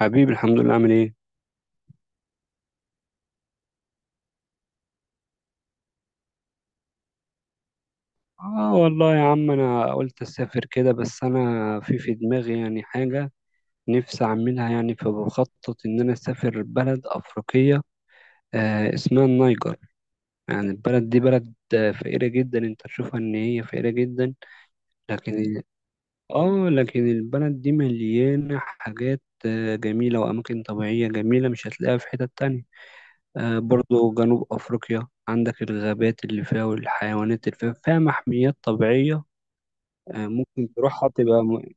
حبيبي الحمد لله، عامل ايه؟ اه والله يا عم انا قلت اسافر كده، بس انا في دماغي يعني حاجه نفسي اعملها، يعني فبخطط ان انا اسافر بلد افريقيه. اسمها النيجر. يعني البلد دي بلد فقيره جدا، انت تشوفها ان هي فقيره جدا، لكن. اه لكن البلد دي مليانه حاجات جميله، واماكن طبيعيه جميله مش هتلاقيها في حتت تانية. برضو جنوب افريقيا، عندك الغابات اللي فيها والحيوانات اللي فيها، فيها محميات طبيعيه. ممكن تروحها، تبقى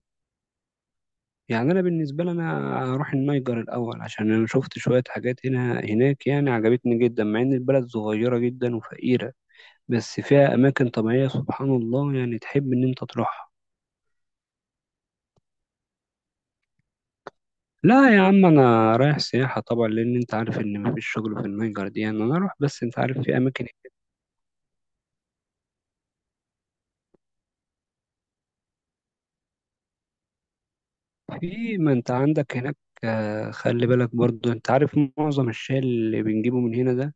يعني انا بالنسبه لي انا هروح النيجر الاول، عشان انا شفت شويه حاجات هنا هناك يعني عجبتني جدا، مع ان البلد صغيره جدا وفقيره، بس فيها اماكن طبيعيه سبحان الله، يعني تحب ان انت تروحها. لا يا عم انا رايح سياحه طبعا، لان انت عارف ان مفيش شغل في النيجر دي، يعني انا اروح بس انت عارف في اماكن. في ما انت عندك هناك. خلي بالك برضو، انت عارف معظم الشاي اللي بنجيبه من هنا ده،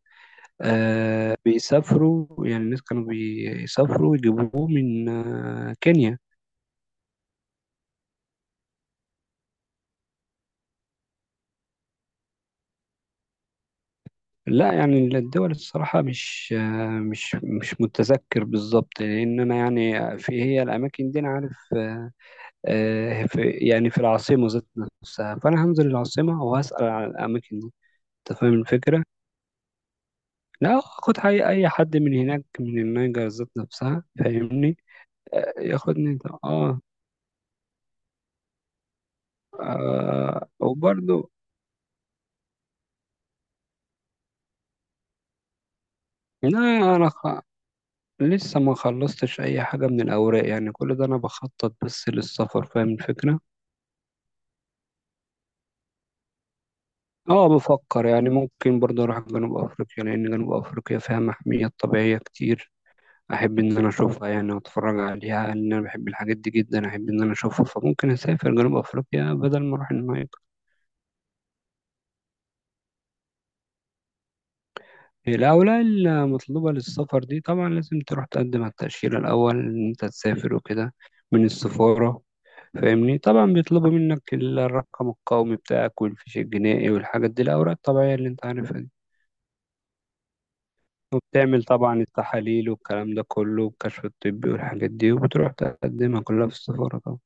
بيسافروا يعني، الناس كانوا بيسافروا يجيبوه من كينيا. لا يعني الدول الصراحة مش آه مش مش متذكر بالظبط، لأن أنا يعني في هي الأماكن دي أنا عارف. في يعني في العاصمة ذات نفسها، فأنا هنزل العاصمة وهسأل على الأماكن دي. أنت فاهم الفكرة؟ لا خد أي حد من هناك من النيجر ذات نفسها، فاهمني؟ ياخدني ده. وبرضه. لا أنا لسه ما خلصتش اي حاجة من الاوراق، يعني كل ده انا بخطط بس للسفر، فاهم الفكرة. اه بفكر يعني ممكن برضه اروح جنوب افريقيا، لان جنوب افريقيا فيها محميات طبيعية كتير، احب ان انا اشوفها يعني واتفرج عليها، لان انا بحب الحاجات دي جدا، احب ان انا اشوفها، فممكن اسافر جنوب افريقيا بدل ما اروح النايل. الاوراق المطلوبة للسفر دي طبعا لازم تروح تقدم على التأشيرة الاول ان انت تسافر وكده، من السفارة. فاهمني، طبعا بيطلبوا منك الرقم القومي بتاعك والفيش الجنائي والحاجات دي، الأوراق الطبيعية اللي أنت عارفها دي. وبتعمل طبعا التحاليل والكلام ده كله والكشف الطبي والحاجات دي، وبتروح تقدمها كلها في السفارة طبعا.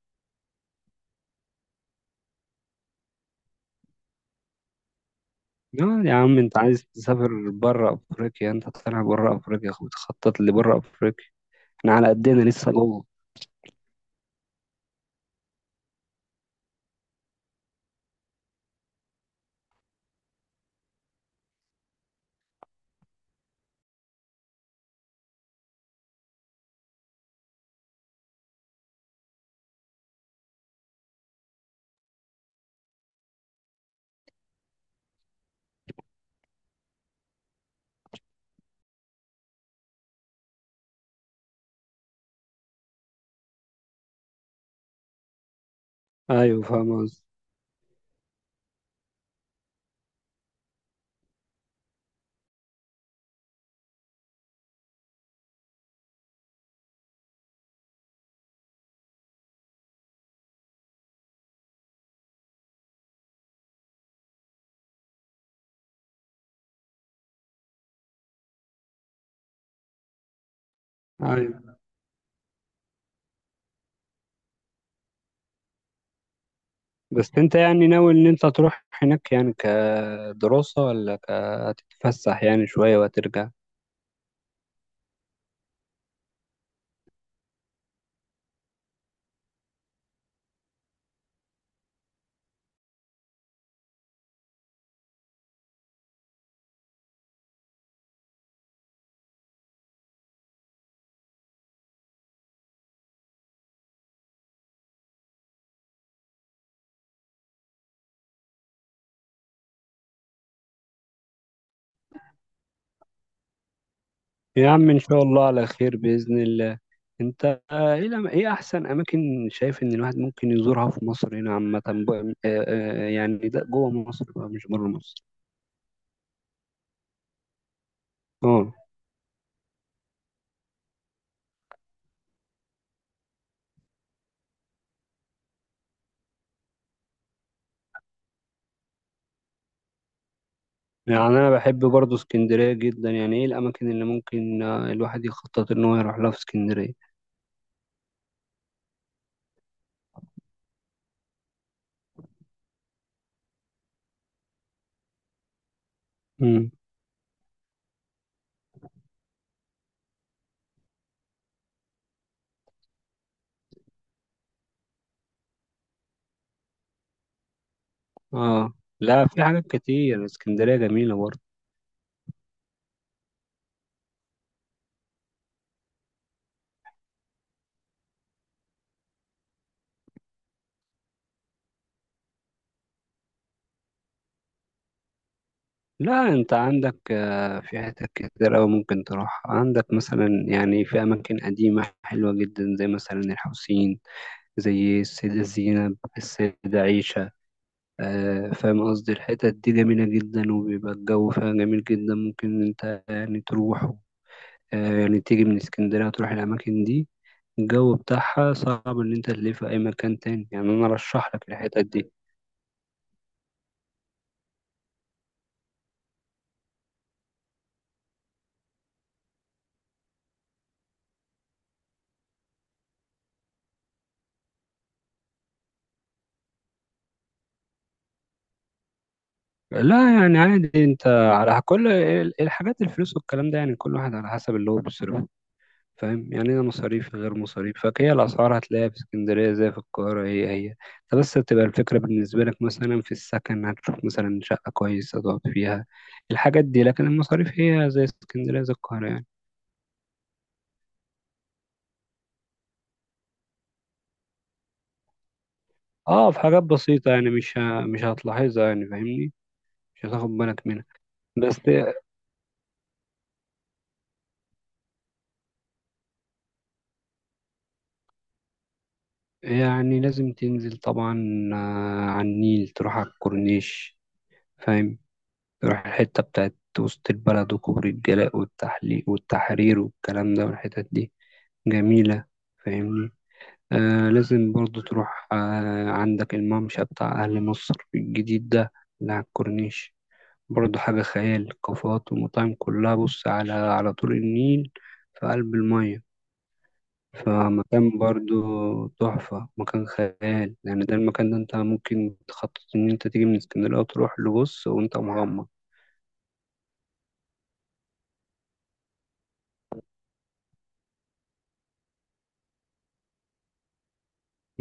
لا يا عم انت عايز تسافر بره افريقيا، انت طالع بره افريقيا بتخطط لبره افريقيا، احنا على قدنا لسه جوه. ايوه فاهم قصدي. ايوه، بس انت يعني ناوي ان انت تروح هناك يعني كدراسة، ولا هتتفسح يعني شوية وهترجع؟ يا عم إن شاء الله على خير بإذن الله. أنت إيه لم- إيه أحسن أماكن شايف إن الواحد ممكن يزورها في مصر هنا عامة يعني ده جوه مصر بقى مش بره مصر؟ أه. يعني أنا بحب برضه اسكندرية جدا، يعني إيه الأماكن اللي ممكن الواحد يخطط إن هو يروح لها في اسكندرية؟ مم. أه. لا، في حاجات كتير، اسكندرية جميلة برضه. لا أنت عندك في حتت كتير أوي ممكن تروح، عندك مثلا يعني في أماكن قديمة حلوة جدا، زي مثلا الحسين، زي السيدة زينب، السيدة عيشة. فاهم قصدي، الحتت دي جميلة جدا، وبيبقى الجو فيها جميل جدا، ممكن انت يعني تروح، يعني تيجي من اسكندرية وتروح الأماكن دي. الجو بتاعها صعب إن أنت تلاقيه في أي مكان تاني، يعني أنا أرشح لك الحتت دي. لا يعني عادي، أنت على كل الحاجات الفلوس والكلام ده يعني كل واحد على حسب اللي هو بيصرفه، فاهم؟ يعني ليها مصاريف غير مصاريف، فهي الأسعار هتلاقيها في اسكندرية زي في القاهرة، هي هي، انت بس بتبقى الفكرة بالنسبة لك مثلا في السكن، هتشوف مثلا شقة كويسة تقعد فيها، الحاجات دي. لكن المصاريف هي زي اسكندرية زي القاهرة يعني. اه في حاجات بسيطة يعني مش هتلاحظها يعني، فاهمني؟ مش هتاخد بالك منها، بس. يعني لازم تنزل طبعا على النيل، تروح على الكورنيش، فاهم؟ تروح الحتة بتاعت وسط البلد وكوبري الجلاء والتحليق والتحرير والكلام ده، والحتت دي جميلة، فاهمني؟ آه لازم برضو تروح، آه عندك الممشى بتاع أهل مصر الجديد ده اللي على الكورنيش، برضو حاجة خيال، كافيهات ومطاعم كلها بص على طول النيل في قلب المية. فمكان برضو تحفة، مكان خيال يعني، ده المكان ده انت ممكن تخطط ان انت تيجي من اسكندرية وتروح لبص وانت مغمض.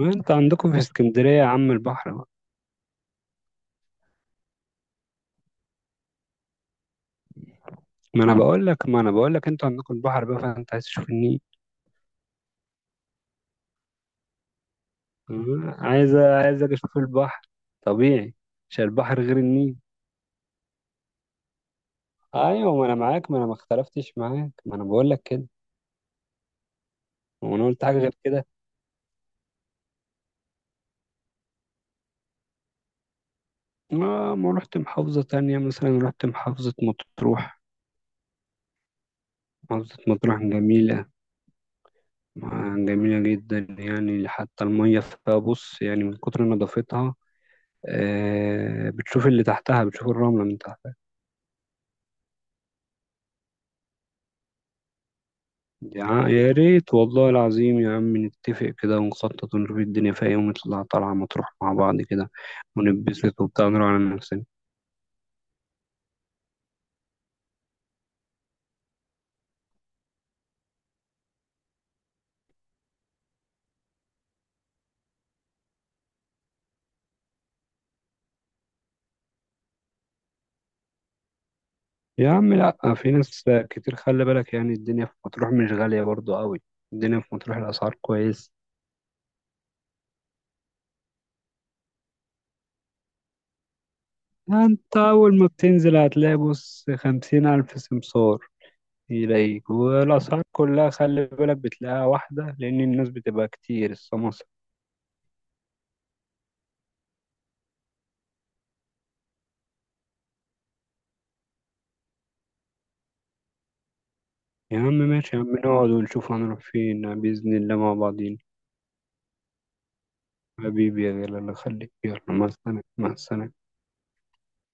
ما انت عندكم في اسكندرية يا عم البحر بقى. ما انا بقول لك، ما انا بقول لك انتوا عندكم البحر بقى، فانت عايز تشوف النيل. عايز، عايز أجي اشوف البحر، طبيعي، مش البحر غير النيل. ايوه ما انا معاك، ما انا ما اختلفتش معاك، ما انا بقول لك كده. وانا قلت حاجه غير كده؟ ما رحت محافظه تانية، مثلا رحت محافظه مطروح. محافظه مطروح جميله. جميله جدا يعني، حتى الميه فيها بص يعني من كتر نظافتها، بتشوف اللي تحتها، بتشوف الرمله من تحت. يا ريت والله العظيم يا عم، نتفق كده ونخطط ونشوف الدنيا، فيها يوم نطلع طلعة مطروح مع بعض كده، ونتبسط وبتاع ونروح على نفسنا. يا عم لأ، في ناس كتير، خلي بالك يعني الدنيا في مطروح مش غالية برضو قوي، الدنيا في مطروح الأسعار كويس. أنت أول ما بتنزل هتلاقي بص 50,000 سمسار يلاقيك، والأسعار كلها خلي بالك بتلاقيها واحدة، لأن الناس بتبقى كتير السماسرة. يا عم ماشي يا عم، نقعد ونشوف هنروح فين بإذن الله مع بعض. حبيبي يا غالي الله يخليك، يلا مع السلامة، مع السلامة.